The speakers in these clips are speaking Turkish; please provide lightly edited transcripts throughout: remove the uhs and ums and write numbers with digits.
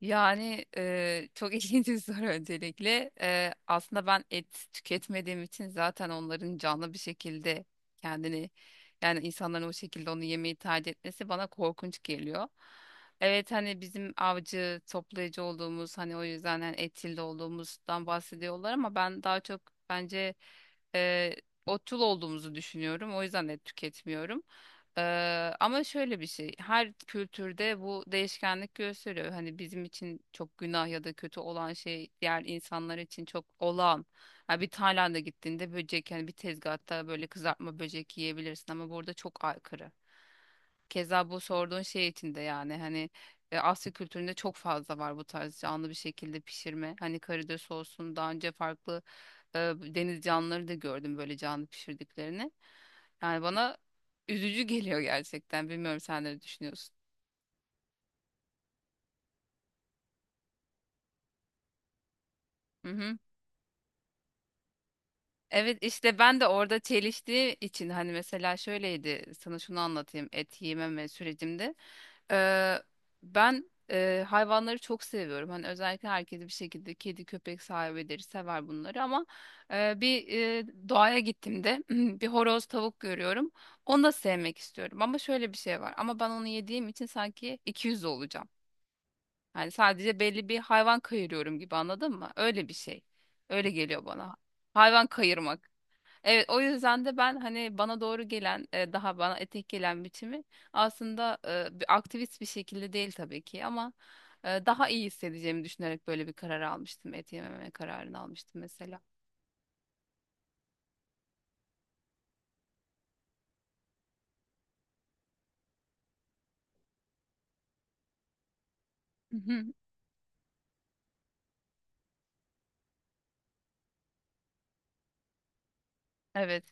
Çok ilginç bir soru öncelikle. Aslında ben et tüketmediğim için zaten onların canlı bir şekilde kendini yani insanların o şekilde onu yemeyi tercih etmesi bana korkunç geliyor. Evet hani bizim avcı toplayıcı olduğumuz hani o yüzden hani etçil de olduğumuzdan bahsediyorlar ama ben daha çok bence eee otçul olduğumuzu düşünüyorum. O yüzden et tüketmiyorum. Ama şöyle bir şey, her kültürde bu değişkenlik gösteriyor. Hani bizim için çok günah ya da kötü olan şey diğer insanlar için çok olağan. Ha bir Tayland'a gittiğinde böcek yani bir tezgahta böyle kızartma böcek yiyebilirsin ama burada çok aykırı. Keza bu sorduğun şey için de yani hani Asya kültüründe çok fazla var bu tarz canlı bir şekilde pişirme. Hani karides olsun daha önce farklı deniz canlıları da gördüm böyle canlı pişirdiklerini. Yani bana üzücü geliyor gerçekten. Bilmiyorum sen ne düşünüyorsun. Evet işte ben de orada çeliştiği için hani mesela şöyleydi sana şunu anlatayım et yememe sürecimde. Ee, Ben hayvanları çok seviyorum. Hani özellikle herkes bir şekilde kedi köpek sahibidir sever bunları ama e, bir doğaya gittiğimde bir horoz tavuk görüyorum. Onu da sevmek istiyorum ama şöyle bir şey var ama ben onu yediğim için sanki 200 olacağım. Yani sadece belli bir hayvan kayırıyorum gibi, anladın mı? Öyle bir şey. Öyle geliyor bana. Hayvan kayırmak. Evet o yüzden de ben hani bana doğru gelen daha bana etek gelen biçimi aslında bir aktivist bir şekilde değil tabii ki ama daha iyi hissedeceğimi düşünerek böyle bir karar almıştım. Et yememe kararını almıştım mesela. Hı hı. Evet.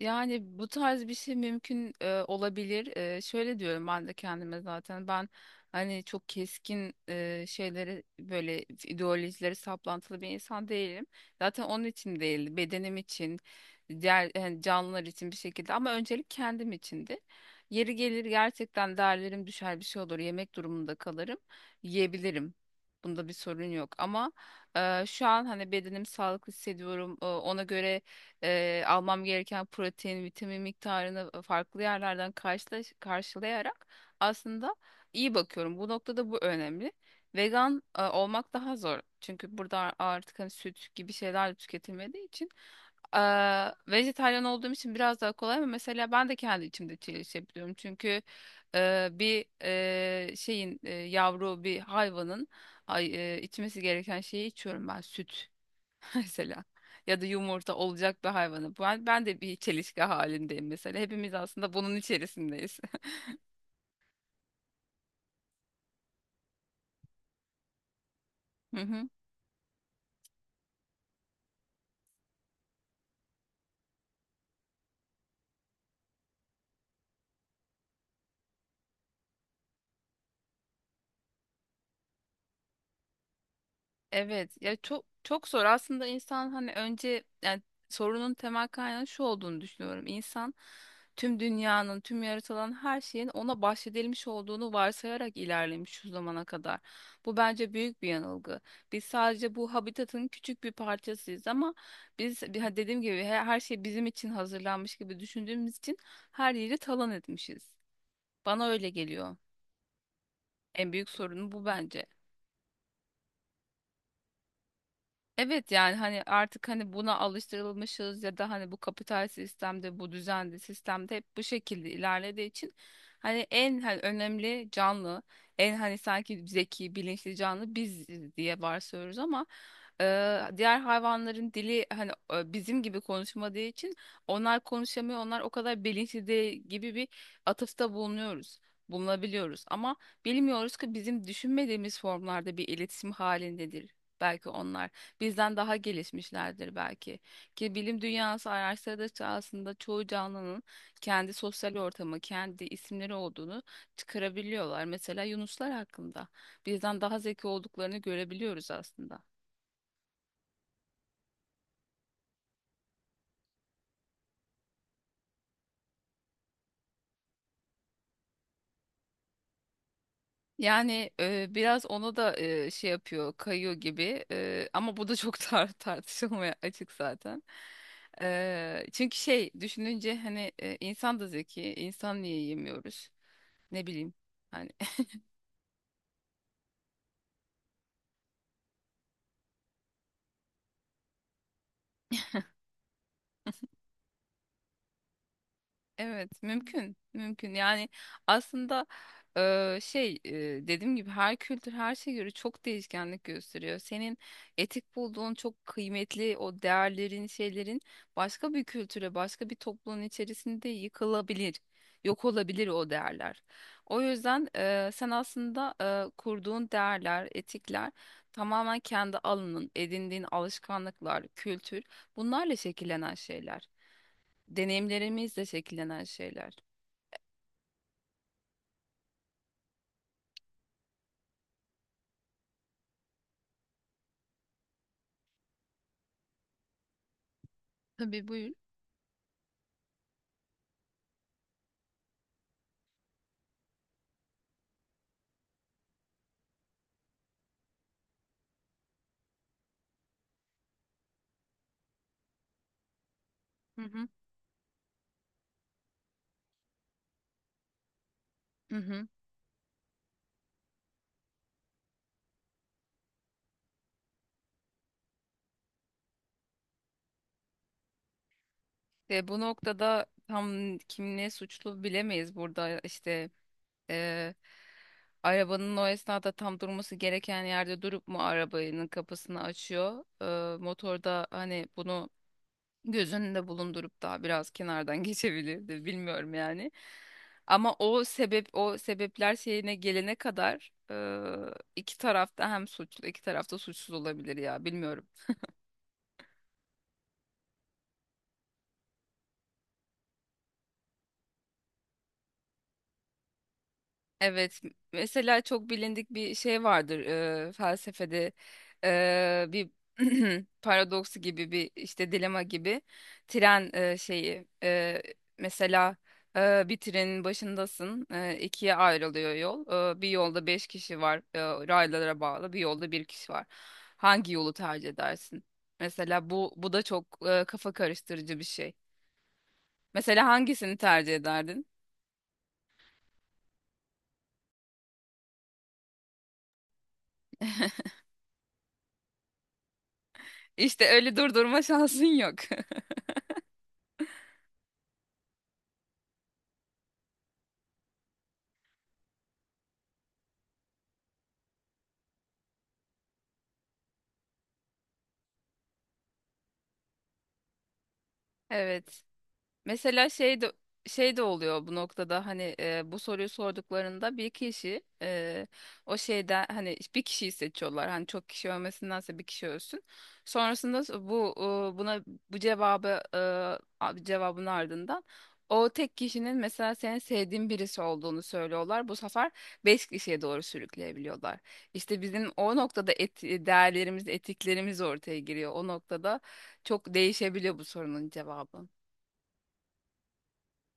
Yani bu tarz bir şey mümkün olabilir. E, şöyle diyorum ben de kendime zaten. Ben hani çok keskin şeyleri böyle ideolojileri saplantılı bir insan değilim. Zaten onun için değil, bedenim için, diğer yani canlılar için bir şekilde ama öncelik kendim içindi. Yeri gelir gerçekten değerlerim düşer bir şey olur. Yemek durumunda kalırım. Yiyebilirim. Bunda bir sorun yok ama şu an hani bedenim sağlıklı hissediyorum. E, ona göre almam gereken protein, vitamin miktarını farklı yerlerden karşılayarak aslında iyi bakıyorum. Bu noktada bu önemli. Vegan olmak daha zor. Çünkü burada artık hani süt gibi şeyler tüketilmediği için e, vejetaryen olduğum için biraz daha kolay ama mesela ben de kendi içimde çelişebiliyorum. Çünkü şeyin yavru bir hayvanın ay, içmesi gereken şeyi içiyorum ben, süt mesela, ya da yumurta olacak bir hayvanı. Ben de bir çelişki halindeyim mesela. Hepimiz aslında bunun içerisindeyiz. Evet ya çok çok zor aslında insan hani önce yani sorunun temel kaynağı şu olduğunu düşünüyorum. İnsan tüm dünyanın, tüm yaratılan her şeyin ona bahşedilmiş olduğunu varsayarak ilerlemiş şu zamana kadar. Bu bence büyük bir yanılgı. Biz sadece bu habitatın küçük bir parçasıyız ama biz dediğim gibi her şey bizim için hazırlanmış gibi düşündüğümüz için her yeri talan etmişiz. Bana öyle geliyor. En büyük sorun bu bence. Evet yani hani artık hani buna alıştırılmışız ya da hani bu kapital sistemde bu düzende sistemde hep bu şekilde ilerlediği için hani en hani önemli canlı en hani sanki zeki bilinçli canlı biziz diye varsayıyoruz ama e, diğer hayvanların dili hani bizim gibi konuşmadığı için onlar konuşamıyor, onlar o kadar bilinçli değil gibi bir atıfta bulunabiliyoruz ama bilmiyoruz ki bizim düşünmediğimiz formlarda bir iletişim halindedir belki onlar, bizden daha gelişmişlerdir belki. Ki bilim dünyası araştırdıkça aslında çoğu canlının kendi sosyal ortamı, kendi isimleri olduğunu çıkarabiliyorlar. Mesela yunuslar hakkında bizden daha zeki olduklarını görebiliyoruz aslında. Yani biraz ona da şey yapıyor, kayıyor gibi. E, ama bu da çok tartışılmaya açık zaten. E, çünkü şey düşününce hani insan da zeki, insan niye yemiyoruz? Ne bileyim. hani Evet, mümkün, mümkün. Yani aslında e, şey e, dediğim gibi her kültür her şeye göre çok değişkenlik gösteriyor. Senin etik bulduğun çok kıymetli o değerlerin, şeylerin başka bir kültüre, başka bir toplumun içerisinde yıkılabilir, yok olabilir o değerler. O yüzden sen aslında kurduğun değerler, etikler tamamen kendi alanın, edindiğin alışkanlıklar, kültür, bunlarla şekillenen şeyler. Deneyimlerimizle şekillenen şeyler. Tabii buyur. Hı hı. Hı hı. Ve bu noktada tam kim ne suçlu bilemeyiz, burada işte eee, arabanın o esnada tam durması gereken yerde durup mu arabanın kapısını açıyor? Motorda hani bunu göz önünde bulundurup daha biraz kenardan geçebilirdi, bilmiyorum yani, ama o sebep o sebepler şeyine gelene kadar iki tarafta hem suçlu iki tarafta suçsuz olabilir ya, bilmiyorum. Evet, mesela çok bilindik bir şey vardır felsefede bir paradoksu gibi bir işte dilema gibi tren e, şeyi e, mesela bir trenin başındasın, ikiye ayrılıyor yol. E, bir yolda beş kişi var, raylara bağlı bir yolda bir kişi var, hangi yolu tercih edersin? Mesela bu da çok kafa karıştırıcı bir şey. Mesela hangisini tercih ederdin? İşte öyle durdurma şansın yok. Evet. Mesela şey de Şey de oluyor bu noktada hani bu soruyu sorduklarında bir kişi o şeyden hani bir kişiyi seçiyorlar. Hani çok kişi ölmesindense bir kişi ölsün. Sonrasında e, buna bu cevabı, cevabın ardından o tek kişinin mesela senin sevdiğin birisi olduğunu söylüyorlar. Bu sefer beş kişiye doğru sürükleyebiliyorlar. İşte bizim o noktada değerlerimiz, etiklerimiz ortaya giriyor. O noktada çok değişebiliyor bu sorunun cevabı.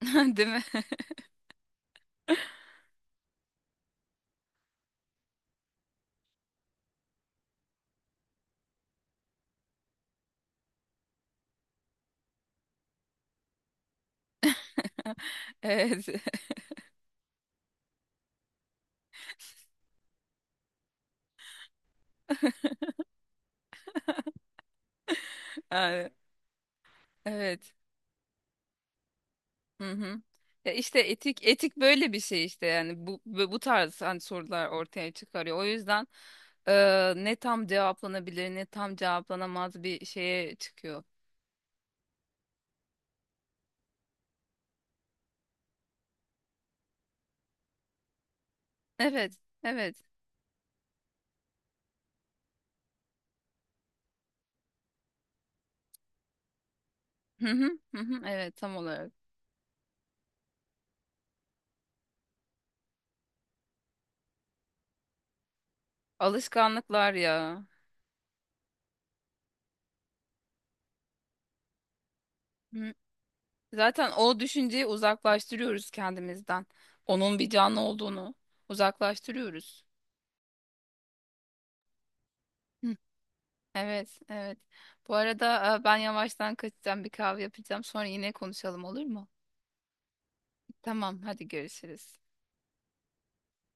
Değil mi? Evet. Yani, evet. Hı hı. Ya işte etik böyle bir şey işte yani bu tarz hani sorular ortaya çıkarıyor. O yüzden ne tam cevaplanabilir ne tam cevaplanamaz bir şeye çıkıyor. Evet. Evet. Hı hı. Hı hı. Evet, tam olarak. Alışkanlıklar ya. Hı. Zaten o düşünceyi uzaklaştırıyoruz kendimizden. Onun bir canlı olduğunu uzaklaştırıyoruz. Evet, evet. Bu arada ben yavaştan kaçacağım, bir kahve yapacağım. Sonra yine konuşalım, olur mu? Tamam, hadi görüşürüz.